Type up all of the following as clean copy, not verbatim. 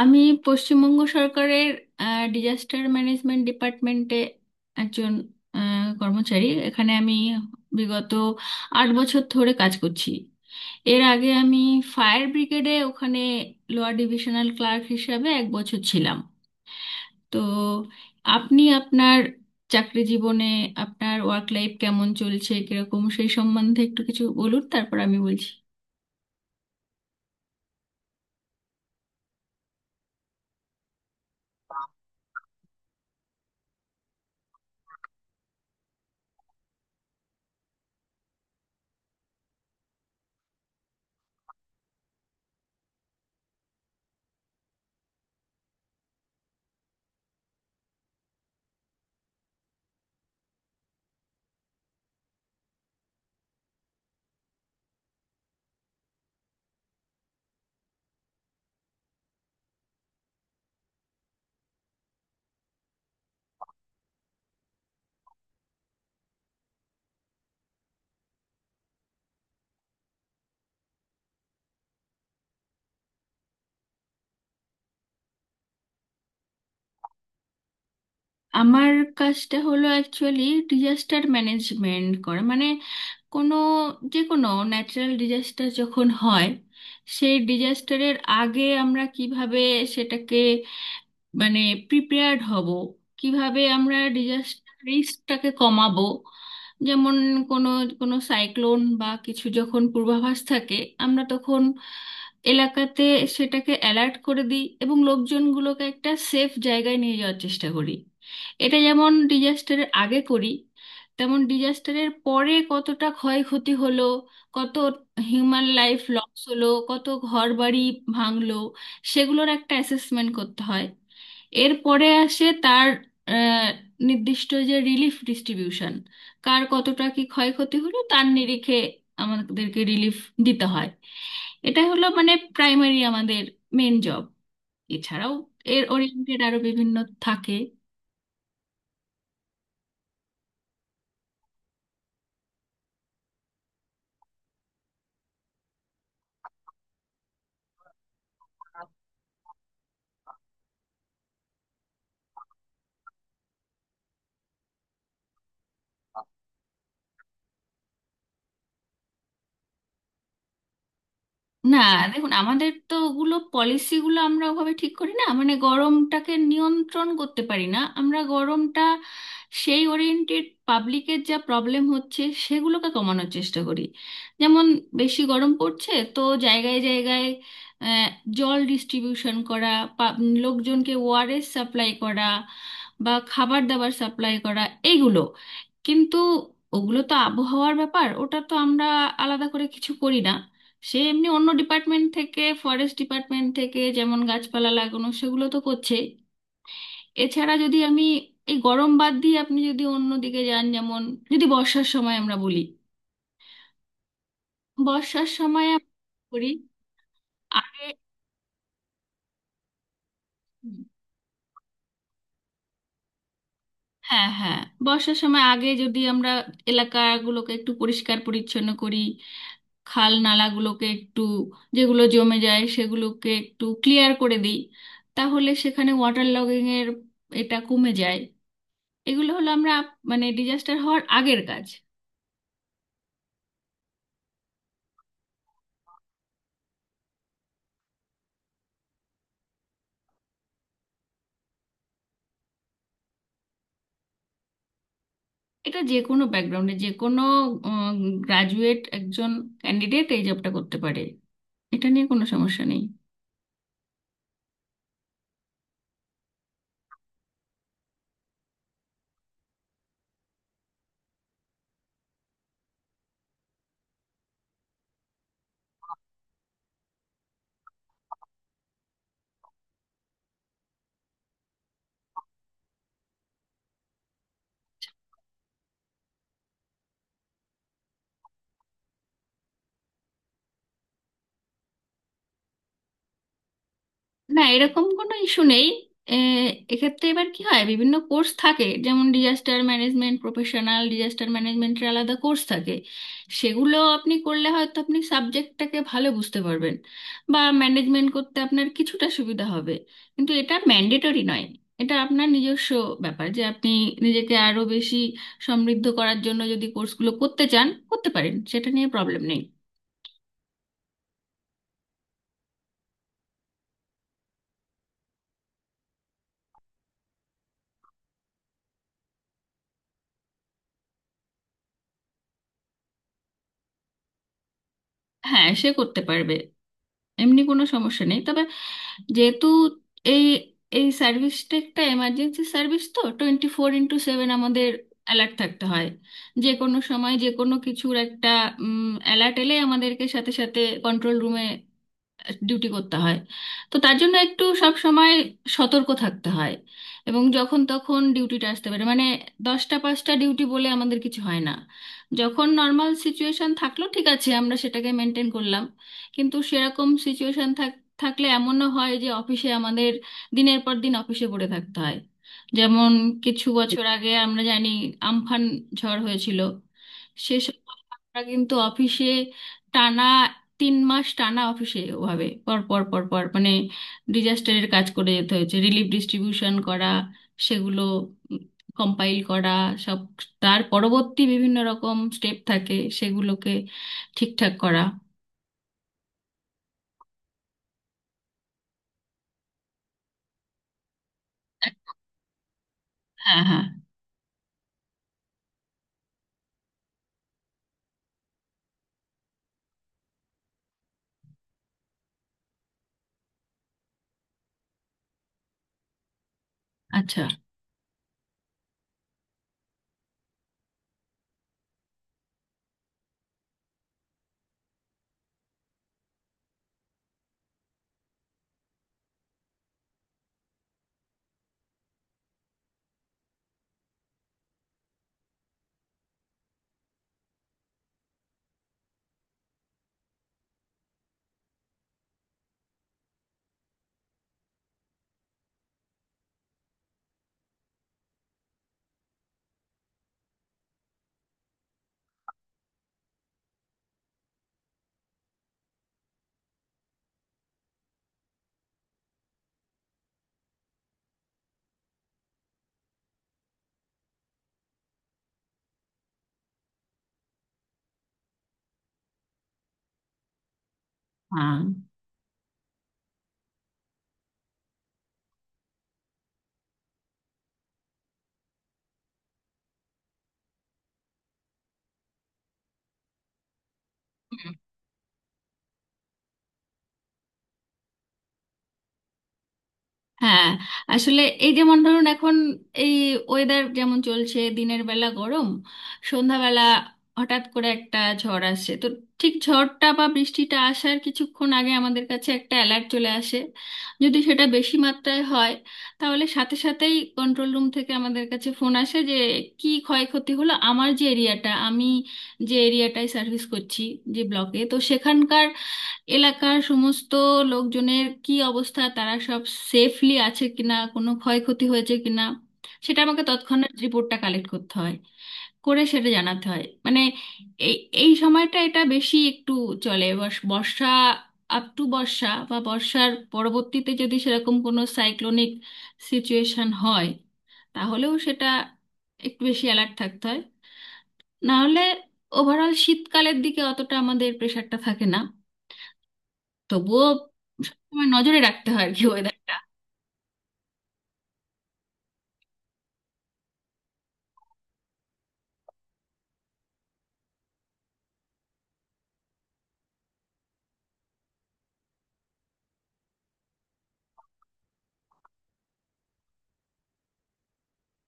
আমি পশ্চিমবঙ্গ সরকারের disaster management ডিপার্টমেন্টে একজন কর্মচারী। এখানে আমি বিগত 8 বছর ধরে কাজ করছি। এর আগে আমি ফায়ার ব্রিগেডে ওখানে লোয়ার ডিভিশনাল ক্লার্ক হিসাবে এক বছর ছিলাম। তো আপনি আপনার চাকরি জীবনে আপনার ওয়ার্ক লাইফ কেমন চলছে কিরকম সেই সম্বন্ধে একটু কিছু বলুন, তারপর আমি বলছি। আমার কাজটা হলো অ্যাকচুয়ালি ডিজাস্টার ম্যানেজমেন্ট করা, মানে কোনো যে কোনো ন্যাচারাল ডিজাস্টার যখন হয়, সেই ডিজাস্টারের আগে আমরা কিভাবে সেটাকে মানে প্রিপেয়ার্ড হব, কিভাবে আমরা ডিজাস্টার রিস্কটাকে কমাবো। যেমন কোনো কোনো সাইক্লোন বা কিছু যখন পূর্বাভাস থাকে, আমরা তখন এলাকাতে সেটাকে অ্যালার্ট করে দিই এবং লোকজনগুলোকে একটা সেফ জায়গায় নিয়ে যাওয়ার চেষ্টা করি। এটা যেমন ডিজাস্টারের আগে করি, তেমন ডিজাস্টারের পরে কতটা ক্ষয়ক্ষতি হলো, কত হিউম্যান লাইফ লস হলো, কত ঘরবাড়ি ভাঙলো সেগুলোর একটা অ্যাসেসমেন্ট করতে হয়। এরপরে আসে তার আহ, নির্দিষ্ট যে রিলিফ ডিস্ট্রিবিউশন, কার কতটা কি ক্ষয়ক্ষতি হলো তার নিরিখে আমাদেরকে রিলিফ দিতে হয়। এটা হলো মানে প্রাইমারি আমাদের মেন জব। এছাড়াও এর ওরিয়েন্টেড আরো বিভিন্ন থাকে। না, দেখুন আমাদের তো ওগুলো পলিসিগুলো আমরা ওভাবে ঠিক করি না, মানে গরমটাকে নিয়ন্ত্রণ করতে পারি না আমরা। গরমটা সেই ওরিয়েন্টেড পাবলিকের যা প্রবলেম হচ্ছে সেগুলোকে কমানোর চেষ্টা করি। যেমন বেশি গরম পড়ছে তো জায়গায় জায়গায় আহ, জল ডিস্ট্রিবিউশন করা, পা- লোকজনকে ওআরএস সাপ্লাই করা বা খাবার দাবার সাপ্লাই করা, এইগুলো। কিন্তু ওগুলো তো আবহাওয়ার ব্যাপার, ওটা তো আমরা আলাদা করে কিছু করি না। সে এমনি অন্য ডিপার্টমেন্ট থেকে, ফরেস্ট ডিপার্টমেন্ট থেকে যেমন গাছপালা লাগানো সেগুলো তো করছে। এছাড়া যদি আমি এই গরম বাদ দিয়ে আপনি যদি অন্য দিকে যান, যেমন যদি বর্ষার সময় আমরা বলি, বর্ষার সময় আমরা কি করি আগে। হুম। হ্যাঁ, হ্যাঁ। বর্ষার সময় আগে যদি আমরা এলাকাগুলোকে একটু পরিষ্কার পরিচ্ছন্ন করি, খাল নালাগুলোকে একটু, যেগুলো জমে যায় সেগুলোকে একটু ক্লিয়ার করে দিই, তাহলে সেখানে ওয়াটার লগিং এর এটা কমে যায়। এগুলো হলো আমরা মানে ডিজাস্টার হওয়ার আগের কাজ। এটা যে কোনো ব্যাকগ্রাউন্ডে যে কোনো গ্রাজুয়েট একজন ক্যান্ডিডেট এই জবটা করতে পারে। এটা নিয়ে কোনো সমস্যা নেই। না, এরকম কোনো ইস্যু নেই। এ, এক্ষেত্রে এবার কি হয়, বিভিন্ন কোর্স থাকে যেমন ডিজাস্টার ম্যানেজমেন্ট প্রফেশনাল, ডিজাস্টার ম্যানেজমেন্টের আলাদা কোর্স থাকে। সেগুলো আপনি করলে হয়তো আপনি সাবজেক্টটাকে ভালো বুঝতে পারবেন বা ম্যানেজমেন্ট করতে আপনার কিছুটা সুবিধা হবে, কিন্তু এটা ম্যান্ডেটরি নয়। এটা আপনার নিজস্ব ব্যাপার, যে আপনি নিজেকে আরো বেশি সমৃদ্ধ করার জন্য যদি কোর্সগুলো করতে চান করতে পারেন, সেটা নিয়ে প্রবলেম নেই। হ্যাঁ, সে করতে পারবে, এমনি কোনো সমস্যা নেই। তবে যেহেতু এই এই সার্ভিসটা একটা এমার্জেন্সি সার্ভিস, তো 24x7 আমাদের অ্যালার্ট থাকতে হয়। যে কোনো সময় যে কোনো কিছুর একটা অ্যালার্ট এলে আমাদেরকে সাথে সাথে কন্ট্রোল রুমে ডিউটি করতে হয়। তো তার জন্য একটু সব সময় সতর্ক থাকতে হয়, এবং যখন তখন ডিউটিটা আসতে পারে। মানে দশটা পাঁচটা ডিউটি বলে আমাদের কিছু হয় না। যখন নর্মাল সিচুয়েশন থাকলো ঠিক আছে, আমরা সেটাকে মেনটেন করলাম, কিন্তু সেরকম সিচুয়েশন থাকলে এমনও হয় যে অফিসে আমাদের দিনের পর দিন অফিসে পড়ে থাকতে হয়। যেমন কিছু বছর আগে আমরা জানি আমফান ঝড় হয়েছিল। সেসব আমরা কিন্তু অফিসে টানা 3 মাস টানা অফিসে ওভাবে পর পর পর পর মানে ডিজাস্টারের কাজ করে যেতে হয়েছে। রিলিফ ডিস্ট্রিবিউশন করা, সেগুলো কম্পাইল করা সব, তার পরবর্তী বিভিন্ন রকম স্টেপ থাকে, সেগুলোকে ঠিকঠাক করা। হ্যাঁ, হ্যাঁ। আচ্ছা। হ্যাঁ, হ্যাঁ। আসলে এই যেমন ধরুন এখন এই ওয়েদার যেমন চলছে, দিনের বেলা গরম, সন্ধ্যাবেলা হঠাৎ করে একটা ঝড় আসছে। তো ঠিক ঝড়টা বা বৃষ্টিটা আসার কিছুক্ষণ আগে আমাদের কাছে একটা অ্যালার্ট চলে আসে। যদি সেটা বেশি মাত্রায় হয়, তাহলে সাথে সাথেই কন্ট্রোল রুম থেকে আমাদের কাছে ফোন আসে যে কি ক্ষয়ক্ষতি হলো আমার যে এরিয়াটা আমি, যে এরিয়াটায় সার্ভিস করছি যে ব্লকে, তো সেখানকার এলাকার সমস্ত লোকজনের কি অবস্থা, তারা সব সেফলি আছে কিনা, কোনো ক্ষয়ক্ষতি হয়েছে কিনা, সেটা আমাকে তৎক্ষণাৎ রিপোর্টটা কালেক্ট করতে হয় করে সেটা জানাতে হয়। মানে এই এই সময়টা এটা বেশি একটু চলে বর্ষা। আপ টু বর্ষা বা বর্ষার পরবর্তীতে যদি সেরকম কোনো সাইক্লোনিক সিচুয়েশন হয়, তাহলেও সেটা একটু বেশি অ্যালার্ট থাকতে হয়। নাহলে ওভারঅল শীতকালের দিকে অতটা আমাদের প্রেশারটা থাকে না, তবুও সবসময় নজরে রাখতে হয় আর কি ওয়েদারটা।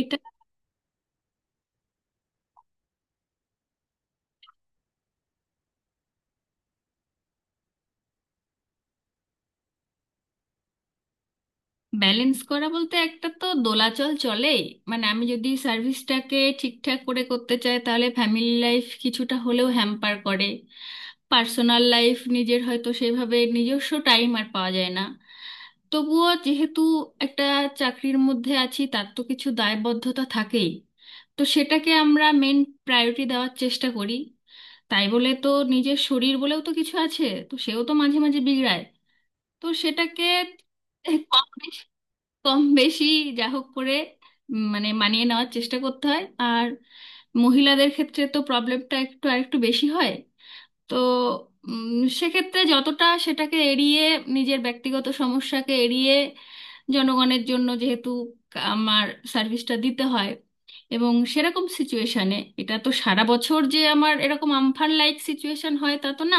এটা ব্যালেন্স করা বলতে একটা তো দোলাচল চলেই। মানে আমি যদি সার্ভিসটাকে ঠিকঠাক করে করতে চাই তাহলে ফ্যামিলি লাইফ কিছুটা হলেও হ্যাম্পার করে। পার্সোনাল লাইফ নিজের হয়তো সেভাবে নিজস্ব টাইম আর পাওয়া যায় না। তবুও যেহেতু একটা চাকরির মধ্যে আছি, তার তো কিছু দায়বদ্ধতা থাকেই, তো সেটাকে আমরা মেন প্রায়োরিটি দেওয়ার চেষ্টা করি। তাই বলে তো নিজের শরীর বলেও তো কিছু আছে, তো সেও তো মাঝে মাঝে বিগড়ায়, তো সেটাকে কম বেশি কম বেশি যা হোক করে মানে মানিয়ে নেওয়ার চেষ্টা করতে হয়। আর মহিলাদের ক্ষেত্রে তো প্রবলেমটা একটু আরেকটু বেশি হয়। তো উম, সেক্ষেত্রে যতটা সেটাকে এড়িয়ে, নিজের ব্যক্তিগত সমস্যাকে এড়িয়ে জনগণের জন্য যেহেতু আমার সার্ভিসটা দিতে হয়। এবং সেরকম সিচুয়েশনে এটা তো সারা বছর যে আমার এরকম আমফান লাইক সিচুয়েশন হয় তা তো না,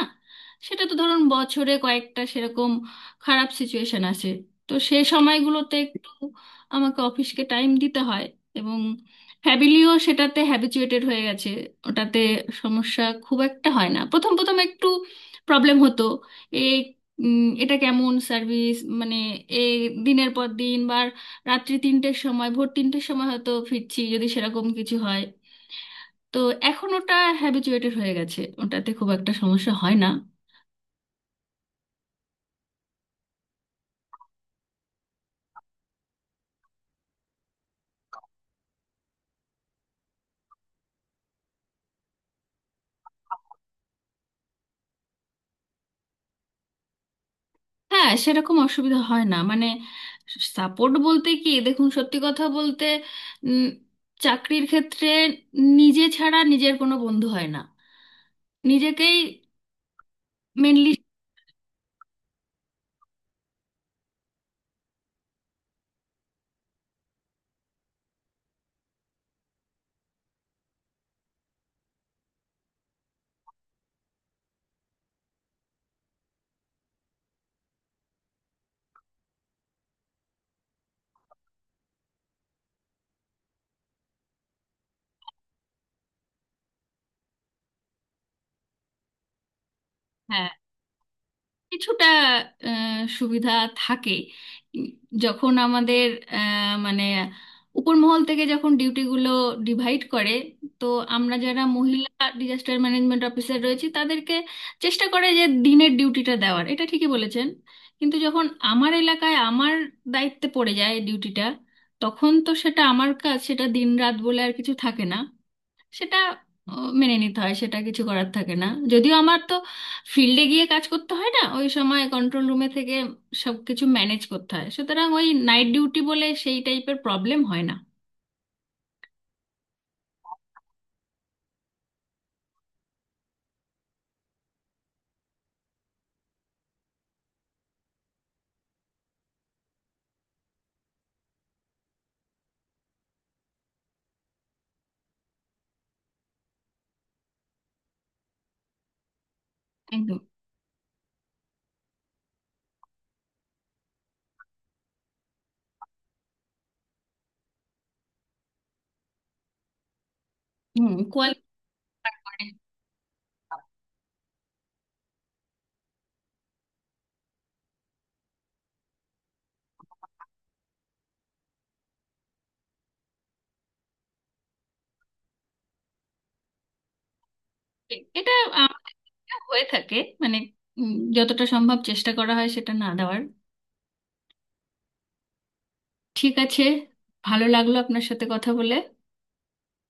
সেটা তো ধরুন বছরে কয়েকটা সেরকম খারাপ সিচুয়েশন আসে, তো সেই সময়গুলোতে একটু আমাকে অফিসকে টাইম দিতে হয়। এবং হ্যাবিলিও সেটাতে হ্যাবিচুয়েটেড হয়ে গেছে ওটাতে, সমস্যা খুব একটা হয় না। প্রথম প্রথম একটু প্রবলেম হতো এই এটা কেমন সার্ভিস মানে এই দিনের পর দিন বা রাত্রি তিনটের সময় ভোর তিনটের সময় হয়তো ফিরছি যদি সেরকম কিছু হয়। তো এখন ওটা হ্যাবিচুয়েটেড হয়ে গেছে, ওটাতে খুব একটা সমস্যা হয় না। হ্যাঁ, সেরকম অসুবিধা হয় না। মানে সাপোর্ট বলতে কি, দেখুন সত্যি কথা বলতে উম, চাকরির ক্ষেত্রে নিজে ছাড়া নিজের কোনো বন্ধু হয় না, নিজেকেই মেনলি কিছুটা সুবিধা থাকে। উম, যখন আমাদের মানে উপর মহল থেকে যখন ডিউটিগুলো ডিভাইড করে, তো আমরা যারা মহিলা ডিজাস্টার ম্যানেজমেন্ট অফিসার রয়েছি তাদেরকে চেষ্টা করে যে দিনের ডিউটিটা দেওয়ার, এটা ঠিকই বলেছেন। কিন্তু যখন আমার এলাকায় আমার দায়িত্বে পড়ে যায় ডিউটিটা, তখন তো সেটা আমার কাজ, সেটা দিন রাত বলে আর কিছু থাকে না। সেটা মেনে নিতে হয়, সেটা কিছু করার থাকে না। যদিও আমার তো ফিল্ডে গিয়ে কাজ করতে হয় না ওই সময়, কন্ট্রোল রুমে থেকে সব কিছু ম্যানেজ করতে হয়, সুতরাং ওই নাইট ডিউটি বলে সেই টাইপের প্রবলেম হয় না। একদম। হুম, কোয়ালিফাইড। এটা আমাদের ক্ষেত্রে হয়ে থাকে। মানে যতটা সম্ভব চেষ্টা করা হয় সেটা না দেওয়ার। ঠিক আছে, ভালো লাগলো আপনার সাথে কথা বলে।